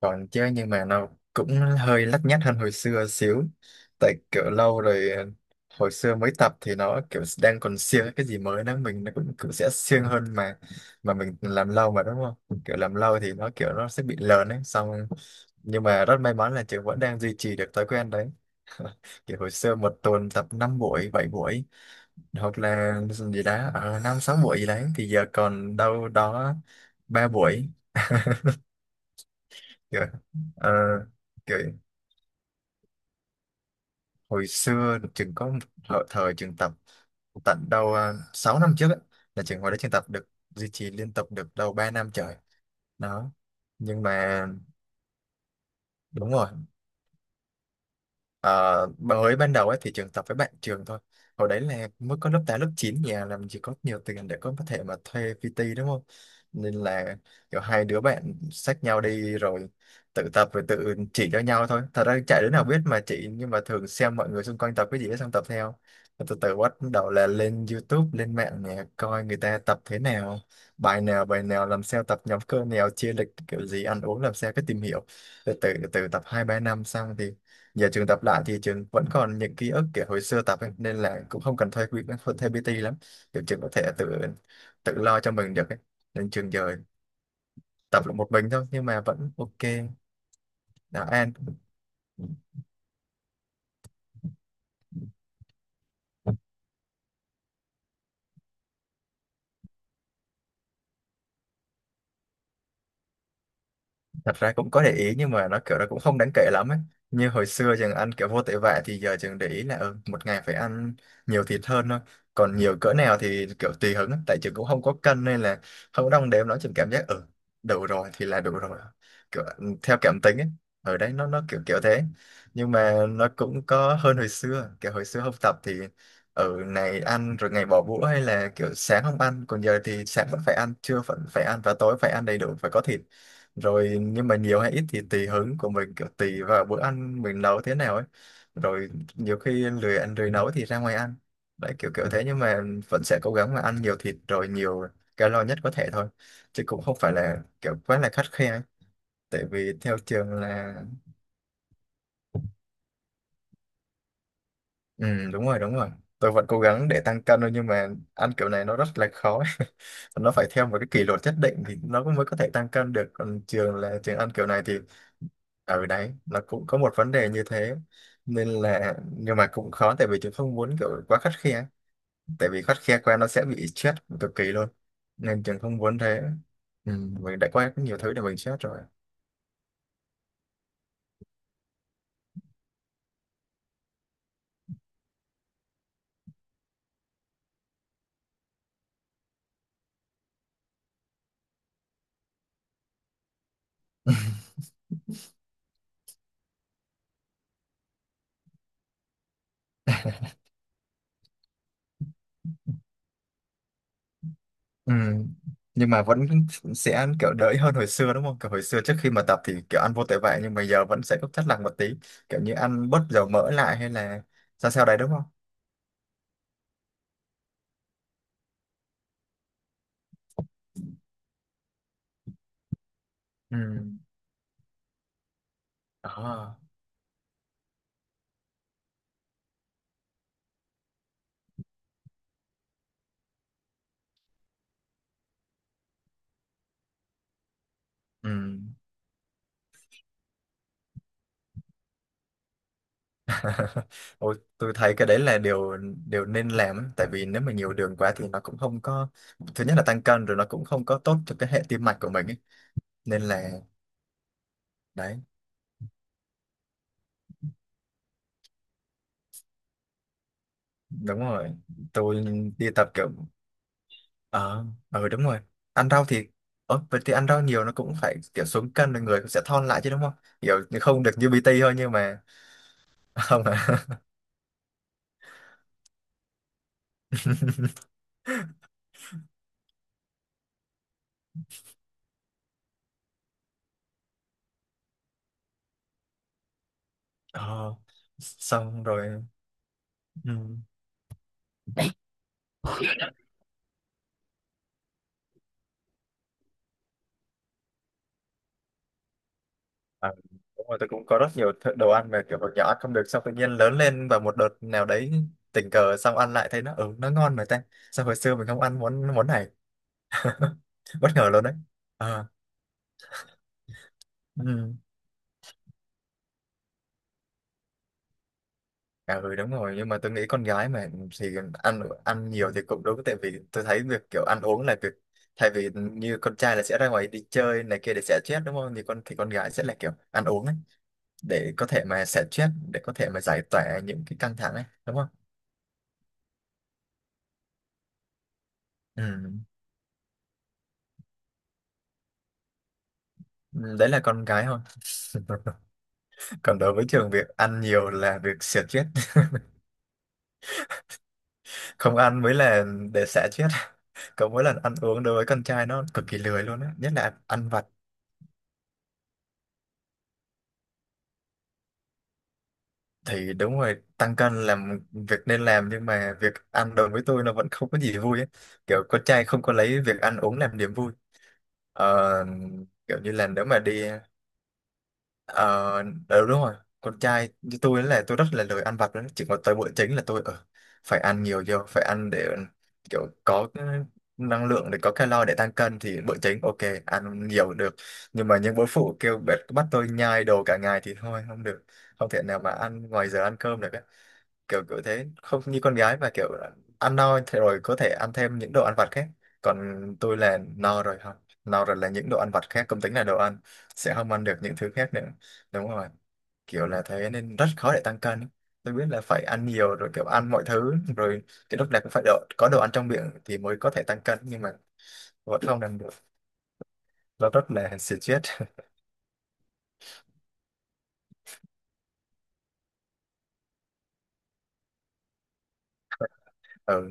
Còn chứ, nhưng mà nó cũng hơi lắt nhắt hơn hồi xưa xíu. Tại kiểu lâu rồi, hồi xưa mới tập thì nó kiểu đang còn siêng, cái gì mới đó mình nó cũng sẽ siêng hơn mà. Mà mình làm lâu mà đúng không, kiểu làm lâu thì nó kiểu nó sẽ bị lờn ấy. Xong nhưng mà rất may mắn là trường vẫn đang duy trì được thói quen đấy. Kiểu hồi xưa một tuần tập 5 buổi 7 buổi, hoặc là gì đó ở 5 6 buổi gì đấy, thì giờ còn đâu đó 3 buổi. Kiểu, ờ, kiểu hồi xưa trường có một thời trường tập tận đâu 6 năm trước á, là trường hồi đó trường tập được, duy trì liên tục được đâu 3 năm trời đó. Nhưng mà đúng rồi, Ờ, mới ban đầu ấy thì trường tập với bạn trường thôi. Hồi đấy là mới có lớp 8 lớp chín, nhà làm chỉ có nhiều tiền để có thể mà thuê PT đúng không, nên là kiểu hai đứa bạn xách nhau đi rồi tự tập, rồi tự chỉ cho nhau thôi. Thật ra chạy đứa nào biết mà chỉ, nhưng mà thường xem mọi người xung quanh tập cái gì ấy, xong tập theo. Rồi từ từ bắt đầu là lên YouTube lên mạng nè, coi người ta tập thế nào, bài nào bài nào làm sao, tập nhóm cơ nào, chia lịch kiểu gì, ăn uống làm sao, cái tìm hiểu từ từ. Từ tập hai ba năm xong thì giờ trường tập lại thì trường vẫn còn những ký ức kiểu hồi xưa tập ấy, nên là cũng không cần thuê quỹ, thuê PT lắm. Kiểu trường có thể tự tự lo cho mình được ấy. Nên trường giờ tập là một mình thôi nhưng mà vẫn ok. Đã an. Thật ra cũng có để ý nhưng mà nó kiểu nó cũng không đáng kể lắm ấy. Như hồi xưa chừng ăn kiểu vô tội vạ, thì giờ chừng để ý là ừ, một ngày phải ăn nhiều thịt hơn thôi. Còn nhiều cỡ nào thì kiểu tùy hứng ấy. Tại chừng cũng không có cân nên là không có đong đếm, nó chừng cảm giác ừ đủ rồi thì là đủ rồi. Kiểu ừ, theo cảm tính ấy, ở đấy nó kiểu kiểu thế. Nhưng mà nó cũng có hơn hồi xưa, kiểu hồi xưa học tập thì ở ngày ăn rồi ngày bỏ bữa, hay là kiểu sáng không ăn. Còn giờ thì sáng vẫn phải ăn, trưa vẫn phải ăn, và tối phải ăn đầy đủ, phải có thịt rồi. Nhưng mà nhiều hay ít thì tùy hứng của mình, kiểu tùy vào bữa ăn mình nấu thế nào ấy. Rồi nhiều khi lười ăn lười nấu thì ra ngoài ăn. Đấy, kiểu kiểu thế. Nhưng mà vẫn sẽ cố gắng là ăn nhiều thịt rồi nhiều calo nhất có thể thôi, chứ cũng không phải là kiểu quá là khắt khe ấy. Tại vì theo trường là ừ đúng rồi đúng rồi, tôi vẫn cố gắng để tăng cân thôi, nhưng mà ăn kiểu này nó rất là khó ấy. Nó phải theo một cái kỷ luật nhất định thì nó mới có thể tăng cân được. Còn trường là trường ăn kiểu này thì ở đấy nó cũng có một vấn đề như thế. Nên là, nhưng mà cũng khó, tại vì trường không muốn kiểu quá khắt khe. Tại vì khắt khe quá nó sẽ bị stress cực kỳ luôn, nên trường không muốn thế. Ừ, mình đã có nhiều thứ để mình stress rồi. Ừ. Nhưng mà vẫn sẽ kiểu đỡ hơn hồi xưa đúng không, kiểu hồi xưa trước khi mà tập thì kiểu ăn vô tội vạ, nhưng mà giờ vẫn sẽ có chất lặng một tí, kiểu như ăn bớt dầu mỡ lại, hay là sao sao đấy đúng không. Ừ. Đó. Ừ. Ôi, tôi thấy cái đấy là điều điều nên làm ấy. Tại vì nếu mà nhiều đường quá thì nó cũng không có, thứ nhất là tăng cân, rồi nó cũng không có tốt cho cái hệ tim mạch của mình ấy. Nên là đấy, đúng rồi, tôi đi tập kiểu ờ ờ đúng rồi, ăn rau thì ờ vậy thì ăn rau nhiều nó cũng phải kiểu xuống cân rồi, người cũng sẽ thon lại chứ đúng không. Kiểu không được như BT thôi, nhưng mà không à. Ờ, xong rồi. Ừ. À, đúng rồi, tôi cũng có rất nhiều đồ ăn mà kiểu hồi nhỏ ăn không được, xong tự nhiên lớn lên và một đợt nào đấy tình cờ xong ăn lại thấy nó ừ nó ngon mà ta, sao hồi xưa mình không ăn món món này. Bất ngờ luôn đấy. À, ừ. À ừ đúng rồi, nhưng mà tôi nghĩ con gái mà thì ăn ăn nhiều thì cũng đúng. Tại vì tôi thấy việc kiểu ăn uống là việc, thay vì như con trai là sẽ ra ngoài đi chơi này kia để xả stress đúng không, thì con gái sẽ là kiểu ăn uống ấy, để có thể mà xả stress, để có thể mà giải tỏa những cái căng thẳng ấy đúng không. Ừ. Ừ, đấy là con gái thôi. Còn đối với trường việc ăn nhiều là việc xỉa chết, không ăn mới là để xả chết. Còn mỗi lần ăn uống đối với con trai nó cực kỳ lười luôn á, nhất là ăn vặt. Thì đúng rồi, tăng cân là một việc nên làm, nhưng mà việc ăn đối với tôi nó vẫn không có gì vui ấy. Kiểu con trai không có lấy việc ăn uống làm niềm vui. Ờ, kiểu như là nếu mà đi, Ờ, ừ, đúng rồi, con trai như tôi là tôi rất là lười ăn vặt đó. Chỉ có tới bữa chính là tôi ờ, phải ăn nhiều vô, phải ăn để kiểu có cái năng lượng, để có calo để tăng cân, thì bữa chính ok ăn nhiều được. Nhưng mà những bữa phụ kêu bắt bắt tôi nhai đồ cả ngày thì thôi không được, không thể nào mà ăn ngoài giờ ăn cơm được. Kiểu kiểu thế, không như con gái mà kiểu à, ăn no thì rồi có thể ăn thêm những đồ ăn vặt khác. Còn tôi là no rồi, không, no rồi là những đồ ăn vặt khác không tính là đồ ăn, sẽ không ăn được những thứ khác nữa. Đúng rồi, kiểu là thế nên rất khó để tăng cân. Tôi biết là phải ăn nhiều rồi, kiểu ăn mọi thứ rồi, cái lúc này cũng phải có đồ ăn trong miệng thì mới có thể tăng cân, nhưng mà vẫn không làm được. Nó rất là stress. Ừ.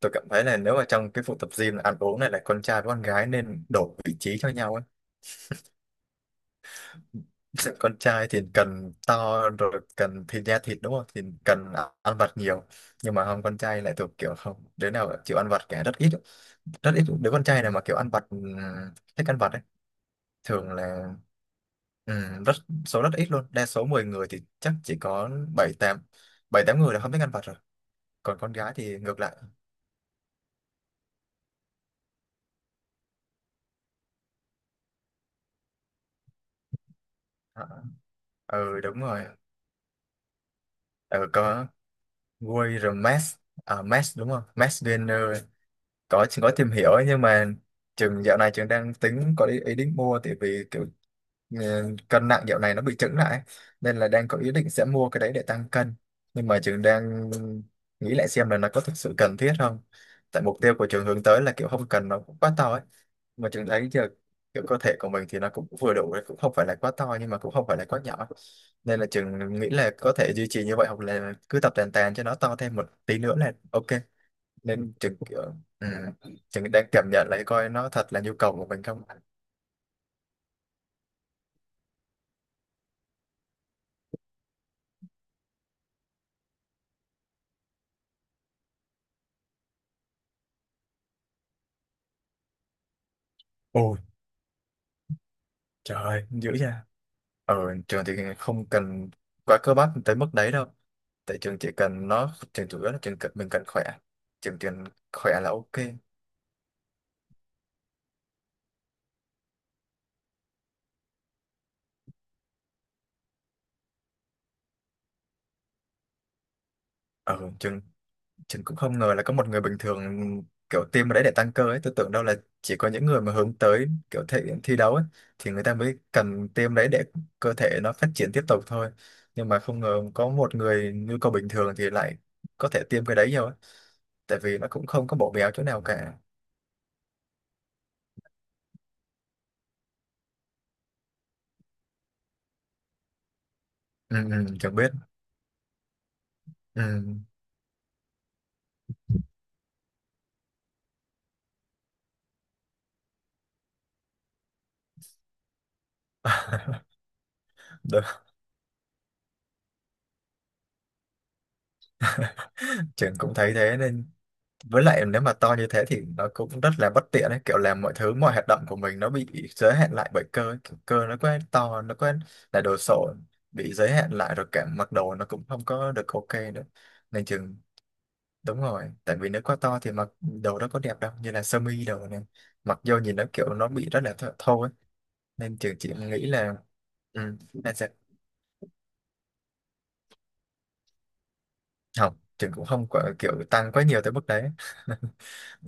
Tôi cảm thấy là nếu mà trong cái vụ tập gym là ăn uống này, là con trai với con gái nên đổi vị trí cho nhau ấy. Con trai thì cần to rồi, cần thịt thịt đúng không, thì cần ăn vặt nhiều. Nhưng mà không, con trai lại thuộc kiểu không đứa nào chịu ăn vặt cả, rất ít, rất ít đứa con trai nào mà kiểu ăn vặt thích ăn vặt ấy. Thường là rất số rất ít luôn. Đa số 10 người thì chắc chỉ có bảy tám bảy tám người là không thích ăn vặt rồi. Còn con gái thì ngược lại. Ờ, ờ, ừ đúng rồi. Ừ, có Guy rồi Max, à, Max đúng không, Max Gainer, có tìm hiểu ấy, nhưng mà trường dạo này trường đang tính có ý định mua. Tại vì kiểu ờ, cân nặng dạo này nó bị chững lại ấy. Nên là đang có ý định sẽ mua cái đấy để tăng cân. Nhưng mà trường đang nghĩ lại xem là nó có thực sự cần thiết không. Tại mục tiêu của trường hướng tới là kiểu không cần nó cũng quá to ấy. Mà trường thấy giờ kiểu cơ thể của mình thì nó cũng vừa đủ đấy, cũng không phải là quá to, nhưng mà cũng không phải là quá nhỏ. Nên là trường nghĩ là có thể duy trì như vậy, hoặc là cứ tập tàn tàn cho nó to thêm một tí nữa là ok. Nên chừng kiểu ừ, chừng đang cảm nhận lại coi nó thật là nhu cầu của mình không. Ôi trời ơi, dữ nha. Ở trường thì không cần quá cơ bắp tới mức đấy đâu. Tại trường chỉ cần nó, trường chủ yếu là trường cần mình cần khỏe, trường cần khỏe là ok. Ở trường ฉัcũng không ngờ là có một người bình thường kiểu tiêm vào đấy để tăng cơ ấy. Tôi tưởng đâu là chỉ có những người mà hướng tới kiểu thể thi đấu ấy, thì người ta mới cần tiêm đấy để cơ thể nó phát triển tiếp tục thôi. Nhưng mà không ngờ có một người nhu cầu bình thường thì lại có thể tiêm cái đấy nhiều ấy. Tại vì nó cũng không có bổ béo chỗ nào cả. Ừ, ừ, chẳng biết. Ừ. Đúng. Trường cũng thấy thế, nên với lại nếu mà to như thế thì nó cũng rất là bất tiện ấy, kiểu làm mọi thứ, mọi hoạt động của mình nó bị giới hạn lại bởi cơ ấy. Kiểu cơ nó quá to, nó quá là đồ sộ, bị giới hạn lại, rồi cả mặc đồ nó cũng không có được ok nữa nên chừng đúng rồi, tại vì nếu quá to thì mặc đồ đó có đẹp đâu, như là sơ mi đồ này mặc vô nhìn nó kiểu nó bị rất là thô ấy, nên trường chỉ nghĩ là ừ, nên sẽ không. Trường cũng không có kiểu tăng quá nhiều tới mức đấy.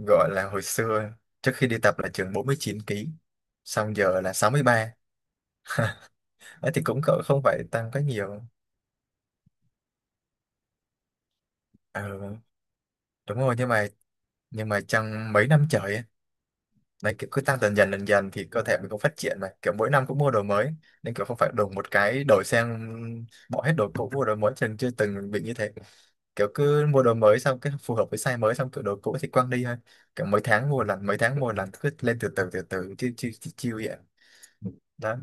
Gọi là hồi xưa trước khi đi tập là chừng 49 ký, xong giờ là 63, ấy thì cũng cỡ không phải tăng quá nhiều. Ừ, đúng rồi, nhưng mà trong mấy năm trời ấy, đấy kiểu cứ tăng dần dần dần dần thì cơ thể mình cũng phát triển, mà kiểu mỗi năm cũng mua đồ mới, nên kiểu không phải đùng một cái đổi sang bỏ hết đồ cũ mua đồ mới, chừng chưa từng bị như thế. Kiểu cứ mua đồ mới xong cái phù hợp với size mới, xong kiểu đồ cũ thì quăng đi thôi. Kiểu mấy tháng mua lần, mấy tháng mua lần, cứ lên từ từ chiêu chiêu chiêu chiêu vậy đó.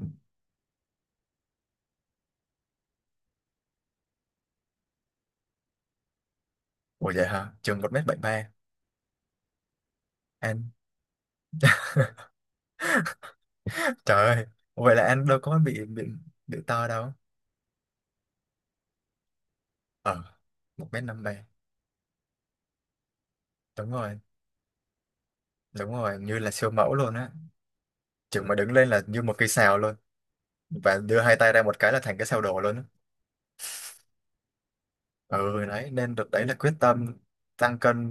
Ủa vậy hả? Trường một mét bảy ba. Anh trời ơi, vậy là anh đâu có bị to đâu. Ờ, một mét năm ba. Đúng rồi, đúng rồi, như là siêu mẫu luôn á. Trường mà đứng lên là như một cây sào luôn, và đưa hai tay ra một cái là thành cái sào đổ luôn á. Ừ đấy, nên được đấy là quyết tâm tăng cân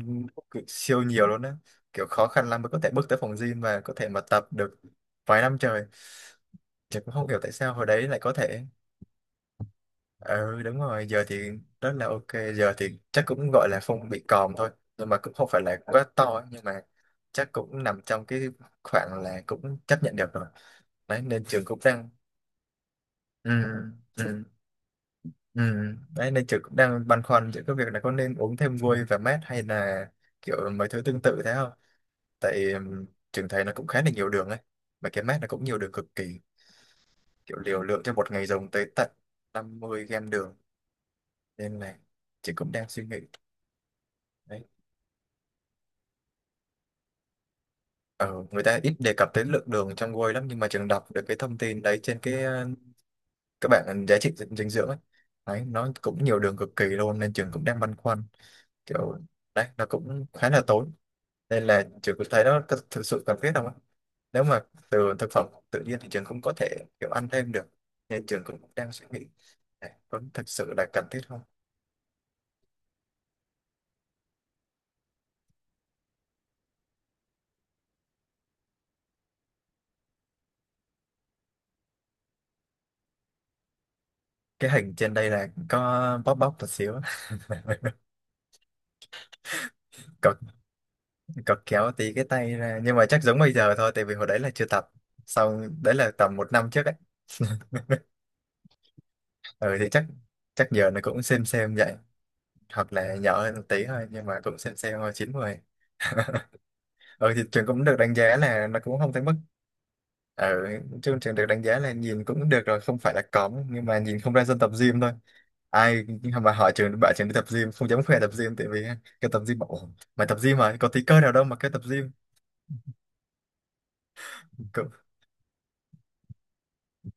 siêu nhiều luôn á. Kiểu khó khăn lắm mới có thể bước tới phòng gym và có thể mà tập được vài năm trời. Chứ cũng không hiểu tại sao hồi đấy lại có thể. Ừ đúng rồi, giờ thì rất là ok. Giờ thì chắc cũng gọi là phông bị còm thôi, nhưng mà cũng không phải là quá to ấy, nhưng mà chắc cũng nằm trong cái khoảng là cũng chấp nhận được rồi. Đấy nên trường cũng đang ừ, ừ, ừ. Đấy nên trường cũng đang băn khoăn giữa cái việc là có nên uống thêm vôi và mát hay là kiểu mấy thứ tương tự thế không. Tại trường thấy nó cũng khá là nhiều đường ấy, mà cái mát nó cũng nhiều đường cực kỳ, kiểu liều lượng cho một ngày dùng tới tận 50 gram đường, nên là trường cũng đang suy nghĩ đấy. Ờ, người ta ít đề cập tới lượng đường trong whey lắm, nhưng mà trường đọc được cái thông tin đấy trên cái các bạn giá trị dinh dinh dưỡng ấy. Đấy nó cũng nhiều đường cực kỳ luôn, nên trường cũng đang băn khoăn kiểu đấy nó cũng khá là tốn, nên là trường cũng thấy nó có thực sự cần thiết không ạ. Nếu mà từ thực phẩm tự nhiên thì trường cũng có thể kiểu ăn thêm được, nên trường cũng đang suy nghĩ đấy, có thực sự là cần thiết không. Cái hình trên đây là có bóp bóp một xíu, còn cọc kéo tí cái tay ra, nhưng mà chắc giống bây giờ thôi, tại vì hồi đấy là chưa tập. Xong đấy là tầm một năm trước ấy. Ừ thì chắc chắc giờ nó cũng xem vậy, hoặc là nhỏ hơn một tí thôi, nhưng mà cũng xem thôi chín mười. Ừ thì trường cũng được đánh giá là nó cũng không tới mức ừ, trường trường được đánh giá là nhìn cũng được rồi, không phải là cóng, nhưng mà nhìn không ra dân tập gym thôi. Ai mà hỏi trường, bảo trường đi tập gym không dám khoe tập gym, tại vì cái tập gym bảo "Ủa, mày tập gym mà có tí cơ nào đâu" mà cái tập gym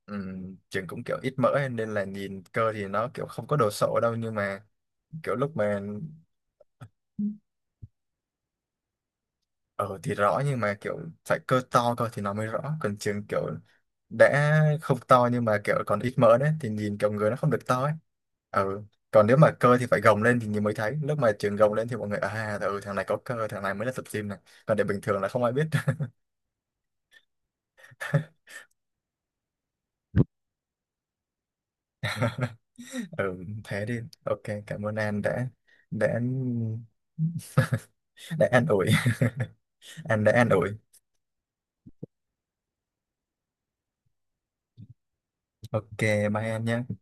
ừm, trường cũng kiểu ít mỡ ấy, nên là nhìn cơ thì nó kiểu không có đồ sộ đâu, nhưng mà kiểu lúc mà ở thì rõ, nhưng mà kiểu phải cơ to, cơ thì nó mới rõ, còn trường kiểu đã không to nhưng mà kiểu còn ít mỡ đấy thì nhìn kiểu người nó không được to ấy. Ừ. Còn nếu mà cơ thì phải gồng lên thì nhìn mới thấy, lúc mà trường gồng lên thì mọi người à ừ, thằng này có cơ, thằng này mới là tập gym này, còn để bình thường là không ai biết. Ừ thế đi ok, cảm ơn An đã đã đã an ủi. An đã an ủi. Ok, bye em nhé.